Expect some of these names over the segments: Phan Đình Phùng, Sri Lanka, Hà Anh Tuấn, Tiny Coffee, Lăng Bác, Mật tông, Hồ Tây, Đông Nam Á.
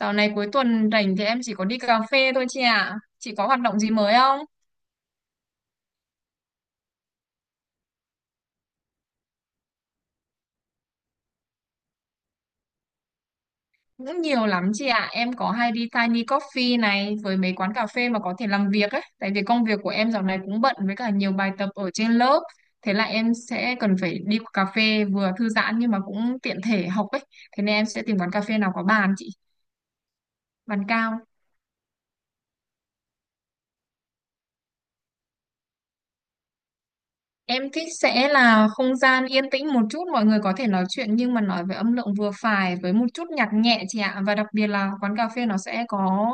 Dạo này cuối tuần rảnh thì em chỉ có đi cà phê thôi chị ạ. Chị có hoạt động gì mới không? Cũng nhiều lắm chị ạ. Em có hay đi Tiny Coffee này với mấy quán cà phê mà có thể làm việc ấy. Tại vì công việc của em dạo này cũng bận với cả nhiều bài tập ở trên lớp. Thế là em sẽ cần phải đi cà phê vừa thư giãn nhưng mà cũng tiện thể học ấy. Thế nên em sẽ tìm quán cà phê nào có bàn chị, bàn cao. Em thích sẽ là không gian yên tĩnh một chút, mọi người có thể nói chuyện nhưng mà nói với âm lượng vừa phải với một chút nhạc nhẹ chị ạ. Và đặc biệt là quán cà phê nó sẽ có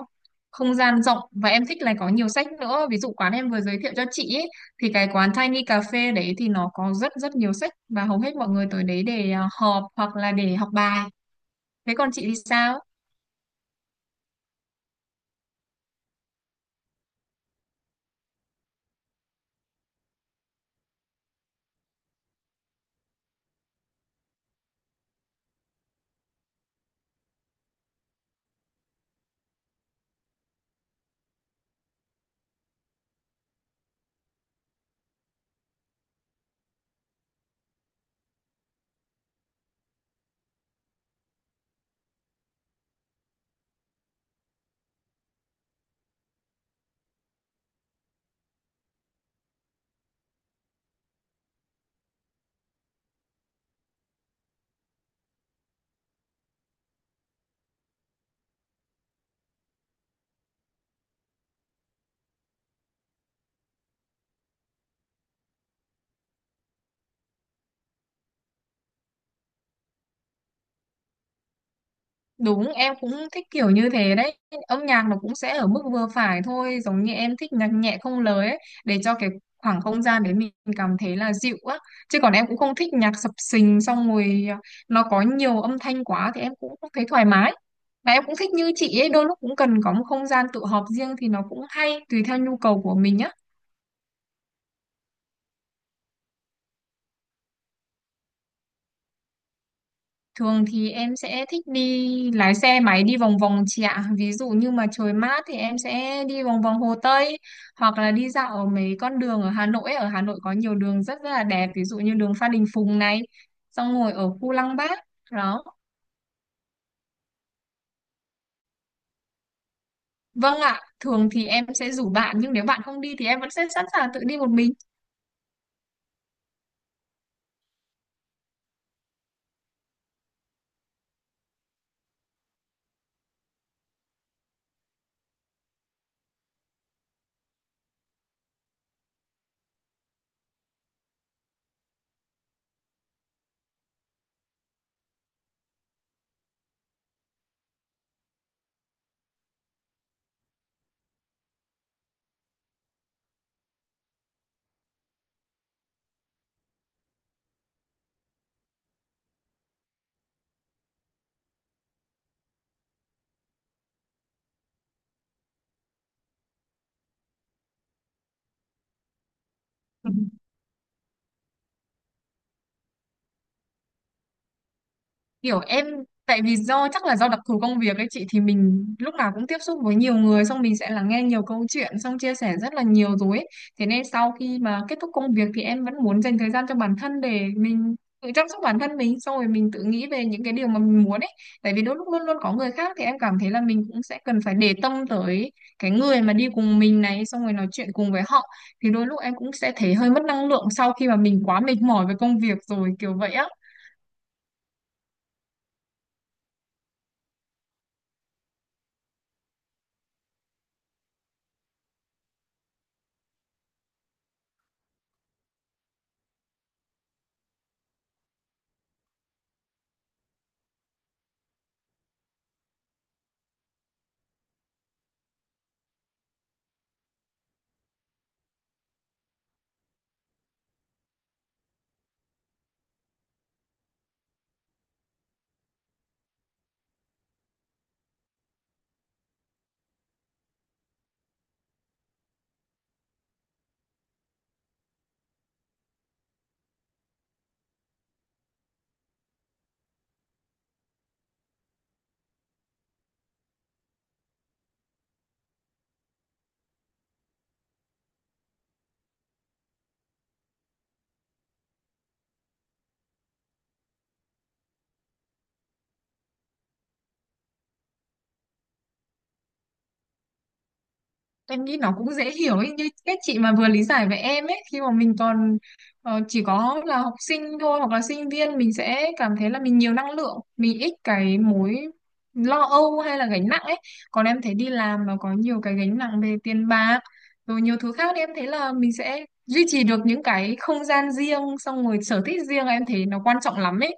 không gian rộng và em thích là có nhiều sách nữa. Ví dụ quán em vừa giới thiệu cho chị ấy, thì cái quán Tiny Cà phê đấy thì nó có rất rất nhiều sách và hầu hết mọi người tới đấy để họp hoặc là để học bài. Thế còn chị thì sao? Đúng, em cũng thích kiểu như thế đấy. Âm nhạc nó cũng sẽ ở mức vừa phải thôi, giống như em thích nhạc nhẹ không lời ấy, để cho cái khoảng không gian đấy mình cảm thấy là dịu á. Chứ còn em cũng không thích nhạc sập sình xong rồi nó có nhiều âm thanh quá thì em cũng không thấy thoải mái. Và em cũng thích như chị ấy, đôi lúc cũng cần có một không gian tự họp riêng thì nó cũng hay, tùy theo nhu cầu của mình nhá. Thường thì em sẽ thích đi lái xe máy đi vòng vòng chị ạ. Ví dụ như mà trời mát thì em sẽ đi vòng vòng Hồ Tây hoặc là đi dạo ở mấy con đường ở Hà Nội ấy. Ở Hà Nội có nhiều đường rất rất là đẹp, ví dụ như đường Phan Đình Phùng này, xong ngồi ở khu Lăng Bác. Đó. Vâng ạ, thường thì em sẽ rủ bạn nhưng nếu bạn không đi thì em vẫn sẽ sẵn sàng tự đi một mình. Kiểu em, tại vì do chắc là do đặc thù công việc ấy chị, thì mình lúc nào cũng tiếp xúc với nhiều người xong mình sẽ lắng nghe nhiều câu chuyện xong chia sẻ rất là nhiều rồi ấy. Thế nên sau khi mà kết thúc công việc thì em vẫn muốn dành thời gian cho bản thân để mình tự chăm sóc bản thân mình xong rồi mình tự nghĩ về những cái điều mà mình muốn ấy, tại vì đôi lúc luôn luôn có người khác thì em cảm thấy là mình cũng sẽ cần phải để tâm tới cái người mà đi cùng mình này xong rồi nói chuyện cùng với họ, thì đôi lúc em cũng sẽ thấy hơi mất năng lượng sau khi mà mình quá mệt mỏi với công việc rồi kiểu vậy á. Em nghĩ nó cũng dễ hiểu ấy, như cách chị mà vừa lý giải với em ấy, khi mà mình còn chỉ có là học sinh thôi hoặc là sinh viên mình sẽ cảm thấy là mình nhiều năng lượng, mình ít cái mối lo âu hay là gánh nặng ấy. Còn em thấy đi làm nó có nhiều cái gánh nặng về tiền bạc rồi nhiều thứ khác, thì em thấy là mình sẽ duy trì được những cái không gian riêng xong rồi sở thích riêng, em thấy nó quan trọng lắm ấy.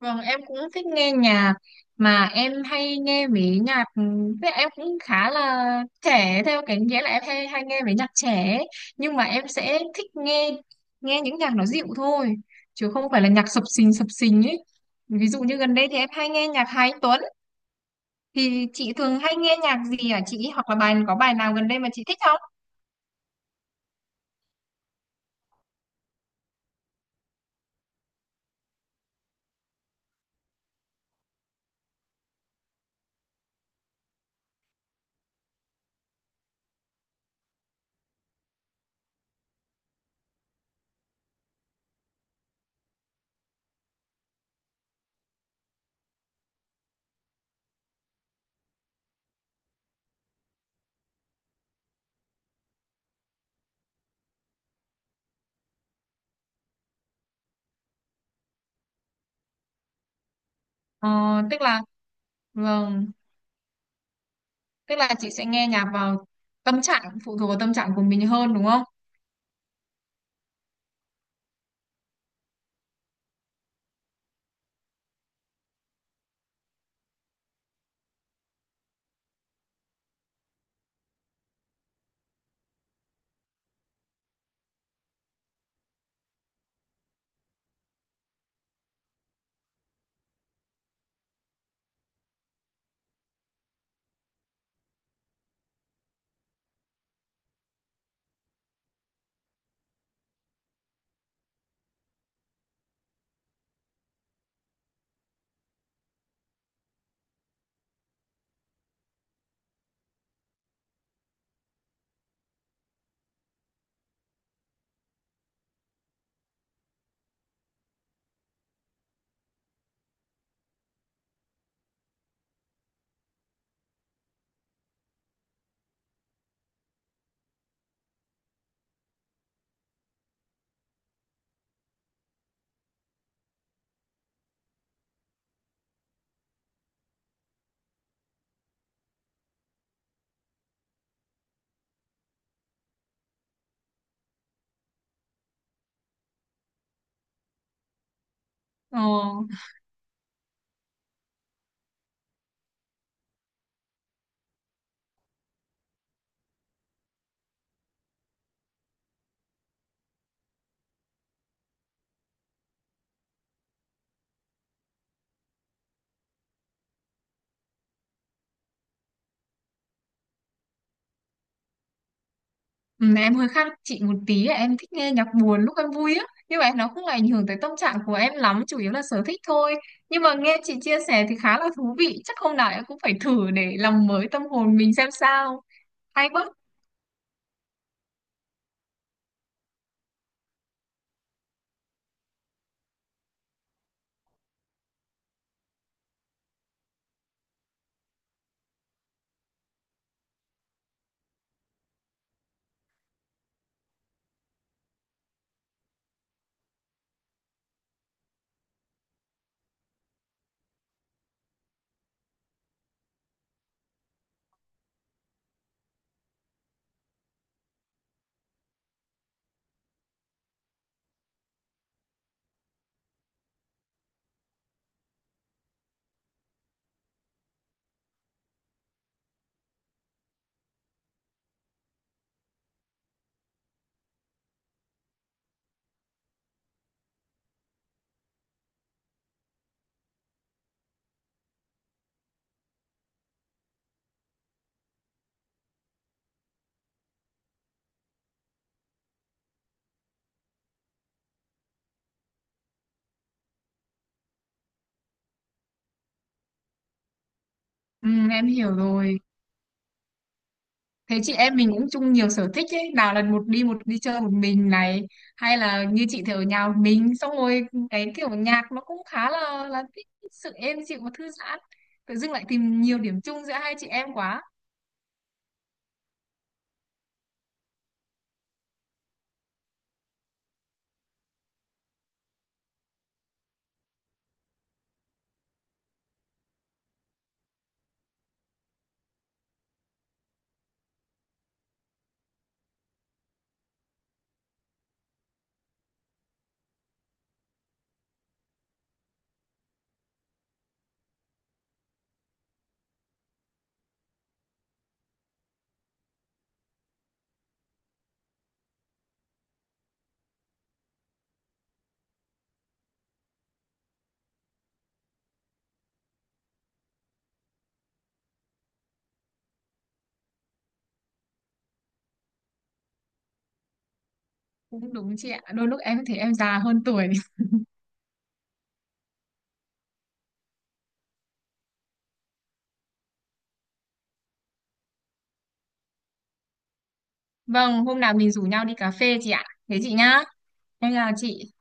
Vâng, em cũng thích nghe nhạc, mà em hay nghe mấy nhạc, thế em cũng khá là trẻ theo cái nghĩa là em hay hay nghe mấy nhạc trẻ ấy. Nhưng mà em sẽ thích nghe nghe những nhạc nó dịu thôi, chứ không phải là nhạc sập sình ấy. Ví dụ như gần đây thì em hay nghe nhạc Hà Anh Tuấn, thì chị thường hay nghe nhạc gì hả chị, hoặc là bài có bài nào gần đây mà chị thích không? Ờ, tức là, vâng, tức là chị sẽ nghe nhạc vào tâm trạng, phụ thuộc vào tâm trạng của mình hơn đúng không? Ờ. Ừ, em hơi khác chị một tí ấy, em thích nghe nhạc buồn lúc em vui á, nhưng mà nó không ảnh hưởng tới tâm trạng của em lắm, chủ yếu là sở thích thôi. Nhưng mà nghe chị chia sẻ thì khá là thú vị, chắc hôm nào em cũng phải thử để làm mới tâm hồn mình xem sao. Hay quá. Ừ, em hiểu rồi. Thế chị em mình cũng chung nhiều sở thích ấy, nào là một đi chơi một mình này, hay là như chị thì ở nhà một mình, xong rồi cái kiểu nhạc nó cũng khá là thích sự êm dịu và thư giãn. Tự dưng lại tìm nhiều điểm chung giữa hai chị em quá. Cũng đúng chị ạ. Đôi lúc em thấy em già hơn tuổi. Vâng, hôm nào mình rủ nhau đi cà phê chị ạ. Thế chị nhá. Em chào chị.